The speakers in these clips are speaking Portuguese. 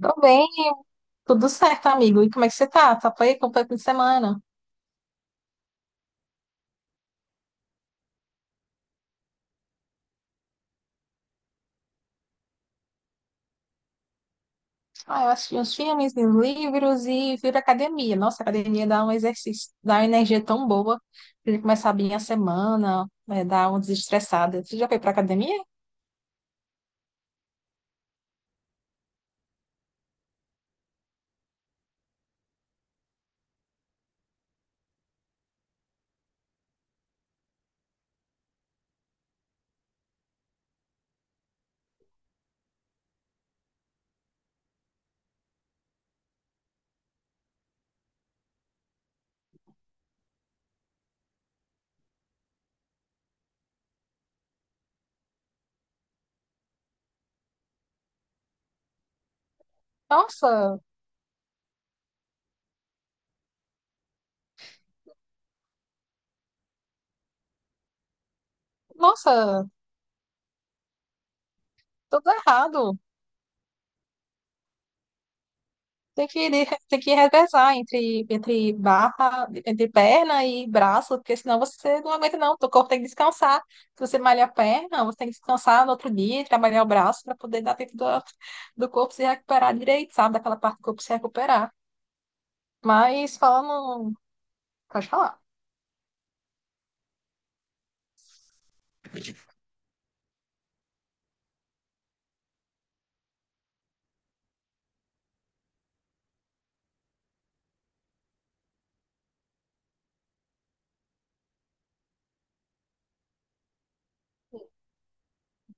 Tô bem, tudo certo, amigo. E como é que você tá? Tá por aí? Como foi o fim de semana? Ah, eu assisti uns filmes, uns livros e fui pra academia. Nossa, a academia dá um exercício, dá uma energia tão boa pra gente começar bem a semana, né, dar uma desestressada. Você já foi pra academia? Nossa, nossa, tudo errado. Tem que, tem que revezar entre barra, entre perna e braço, porque senão você não aguenta, não. O teu corpo tem que descansar. Se você malha a perna, você tem que descansar no outro dia, e trabalhar o braço para poder dar tempo do, do corpo se recuperar direito, sabe? Daquela parte do corpo se recuperar. Mas falando. Pode falar.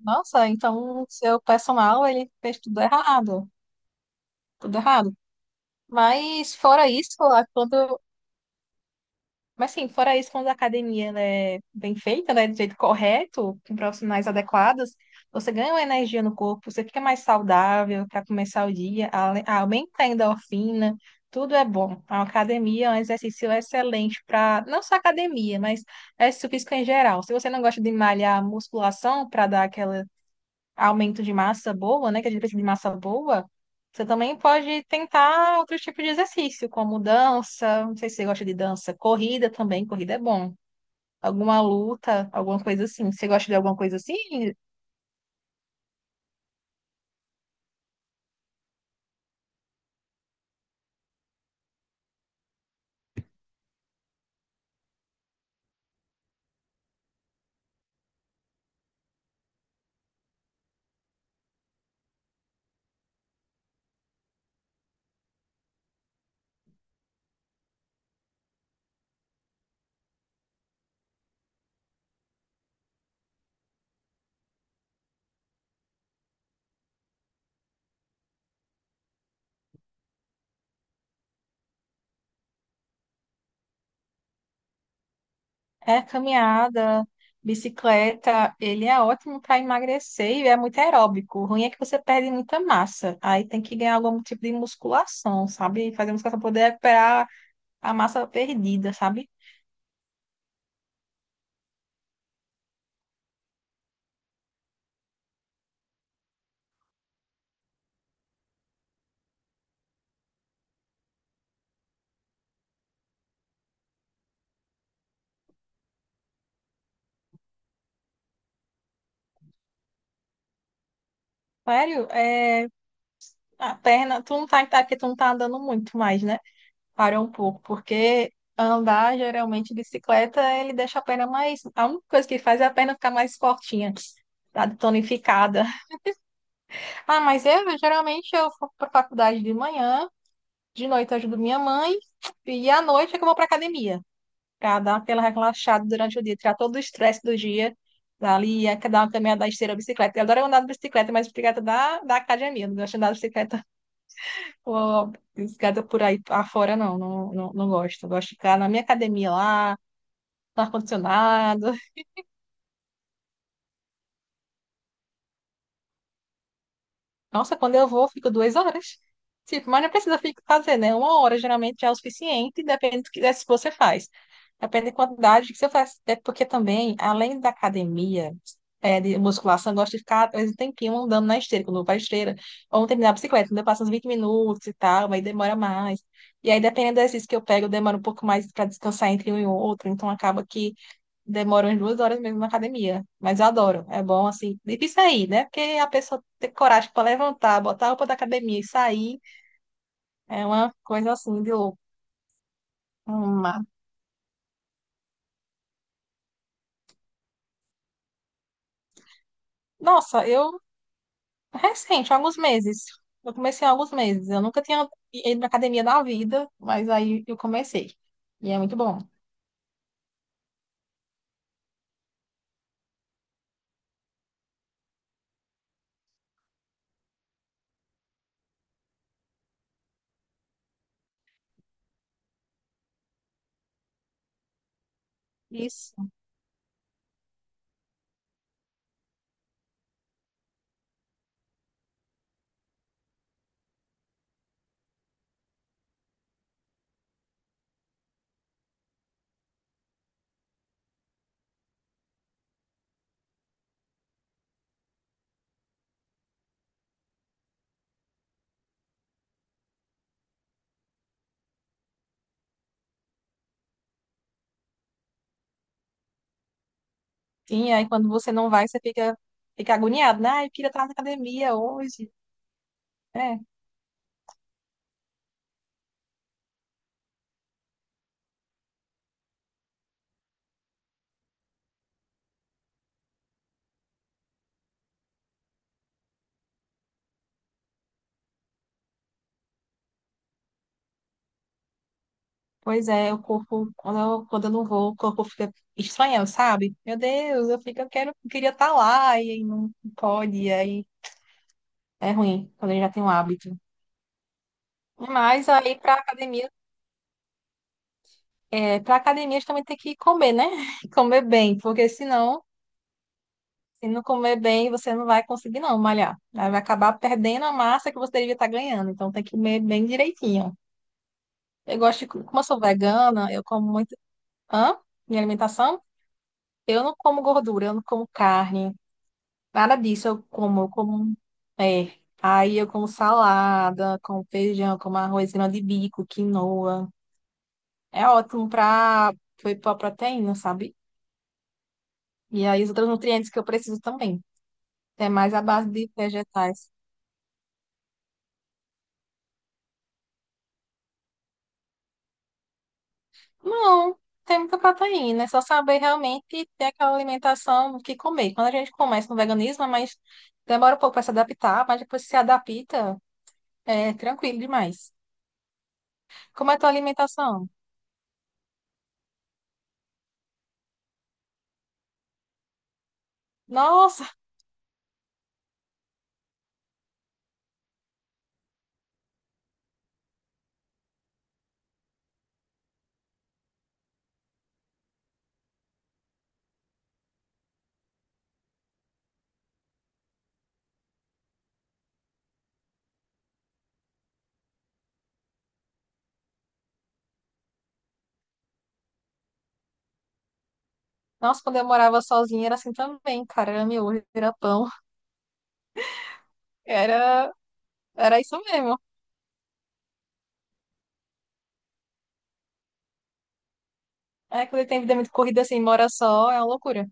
Nossa, então seu personal, ele fez tudo errado. Tudo errado. Mas fora isso, lá, quando mas sim, fora isso, quando a academia ela é bem feita, né, do jeito correto, com profissionais adequados, você ganha uma energia no corpo, você fica mais saudável para começar o dia, aumenta a endorfina, tudo é bom. A academia é um exercício excelente para, não só academia, mas exercício físico em geral. Se você não gosta de malhar musculação para dar aquela aumento de massa boa, né? Que a gente precisa de massa boa, você também pode tentar outros tipos de exercício, como dança, não sei se você gosta de dança, corrida também, corrida é bom. Alguma luta, alguma coisa assim. Você gosta de alguma coisa assim? É caminhada, bicicleta, ele é ótimo para emagrecer e é muito aeróbico. O ruim é que você perde muita massa. Aí tem que ganhar algum tipo de musculação, sabe? Fazer musculação para poder recuperar a massa perdida, sabe? Sério, é. A perna, tu não tá, tá que tu não tá andando muito mais, né? Parou um pouco, porque andar geralmente bicicleta, ele deixa a perna mais. A única coisa que faz é a perna ficar mais fortinha, tá tonificada. Ah, mas eu geralmente eu vou pra faculdade de manhã, de noite eu ajudo minha mãe, e à noite é que eu vou pra academia, pra dar aquela relaxada durante o dia, tirar todo o estresse do dia. Ali, é que dá uma caminhada esteira, bicicleta. Eu adoro andar de bicicleta, mas bicicleta da academia, eu não gosto de andar de bicicleta. Pô, desgada por aí afora, não, não, não, não gosto. Eu gosto de ficar na minha academia lá, no ar-condicionado. Nossa, quando eu vou, fico duas horas. Tipo, mas não precisa fazer, né? Uma hora geralmente já é o suficiente, depende do que se você faz. Depende da quantidade que você faz. É porque também, além da academia, é, de musculação, eu gosto de ficar às vezes um tempinho andando na esteira, quando eu vou pra esteira, ou terminar tempinho bicicleta, então eu passo uns 20 minutos e tal, aí demora mais. E aí, dependendo do exercício que eu pego, demora um pouco mais para descansar entre um e outro, então acaba que demoro umas duas horas mesmo na academia, mas eu adoro. É bom, assim, difícil sair, né? Porque a pessoa ter coragem para levantar, botar a roupa da academia e sair é uma coisa assim de louco. Uma. Nossa, eu recente, alguns meses. Eu comecei há alguns meses. Eu nunca tinha ido na academia na vida, mas aí eu comecei. E é muito bom. Isso. Sim, aí quando você não vai, você fica, fica agoniado, né? Ai, eu queria estar na academia hoje. Né. Pois é, o corpo, quando eu não vou, o corpo fica estranhando, sabe? Meu Deus, eu fico, eu quero, eu queria estar lá e aí não pode, e aí é ruim, quando a gente já tem um hábito. Mas aí para academia, é, para academia também tem que comer, né? Comer bem, porque senão, se não comer bem, você não vai conseguir não malhar. Aí vai acabar perdendo a massa que você deveria estar ganhando, então tem que comer bem direitinho. Eu gosto de, como eu sou vegana, eu como muito, hã? Minha alimentação, eu não como gordura, eu não como carne. Nada disso, eu como, eu como. É. Aí eu como salada, como feijão, como arroz grão de bico, quinoa. É ótimo para foi para proteína, sabe? E aí os outros nutrientes que eu preciso também. É mais a base de vegetais. Não, tem muita proteína, é só saber realmente ter aquela alimentação que comer. Quando a gente começa no veganismo, mas demora um pouco para se adaptar, mas depois que se adapta, é tranquilo demais. Como é a tua alimentação? Nossa. Nossa, quando eu morava sozinha era assim também, cara. Era era pão. Era, era isso mesmo. É quando tem vida muito corrida assim, mora só, é uma loucura.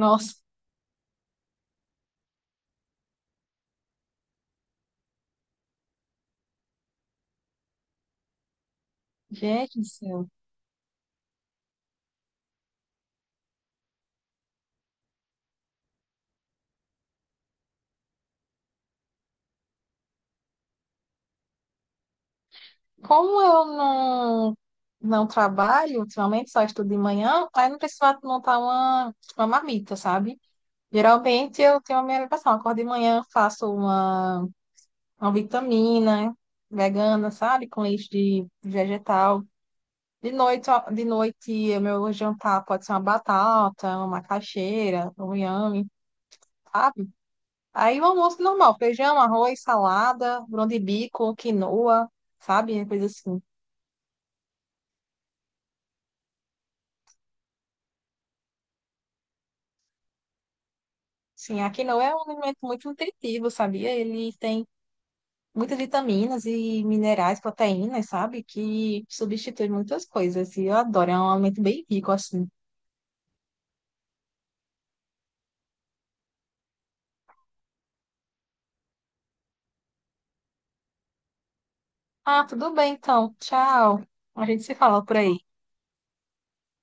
Nossa, gente do céu. Como eu não trabalho ultimamente, só estudo de manhã, aí não precisava montar uma marmita, sabe? Geralmente eu tenho a minha alimentação. Acordo de manhã, faço uma vitamina vegana, sabe? Com leite de vegetal. De noite, ó, de noite, o meu jantar pode ser uma batata, uma macaxeira, um inhame, sabe? Aí o almoço normal, feijão, arroz, salada, grão de bico, quinoa, sabe? Coisa assim. Sim, a quinoa é um alimento muito nutritivo, sabia? Ele tem muitas vitaminas e minerais, proteínas, sabe? Que substitui muitas coisas. E eu adoro, é um alimento bem rico, assim. Ah, tudo bem, então. Tchau. A gente se fala por aí.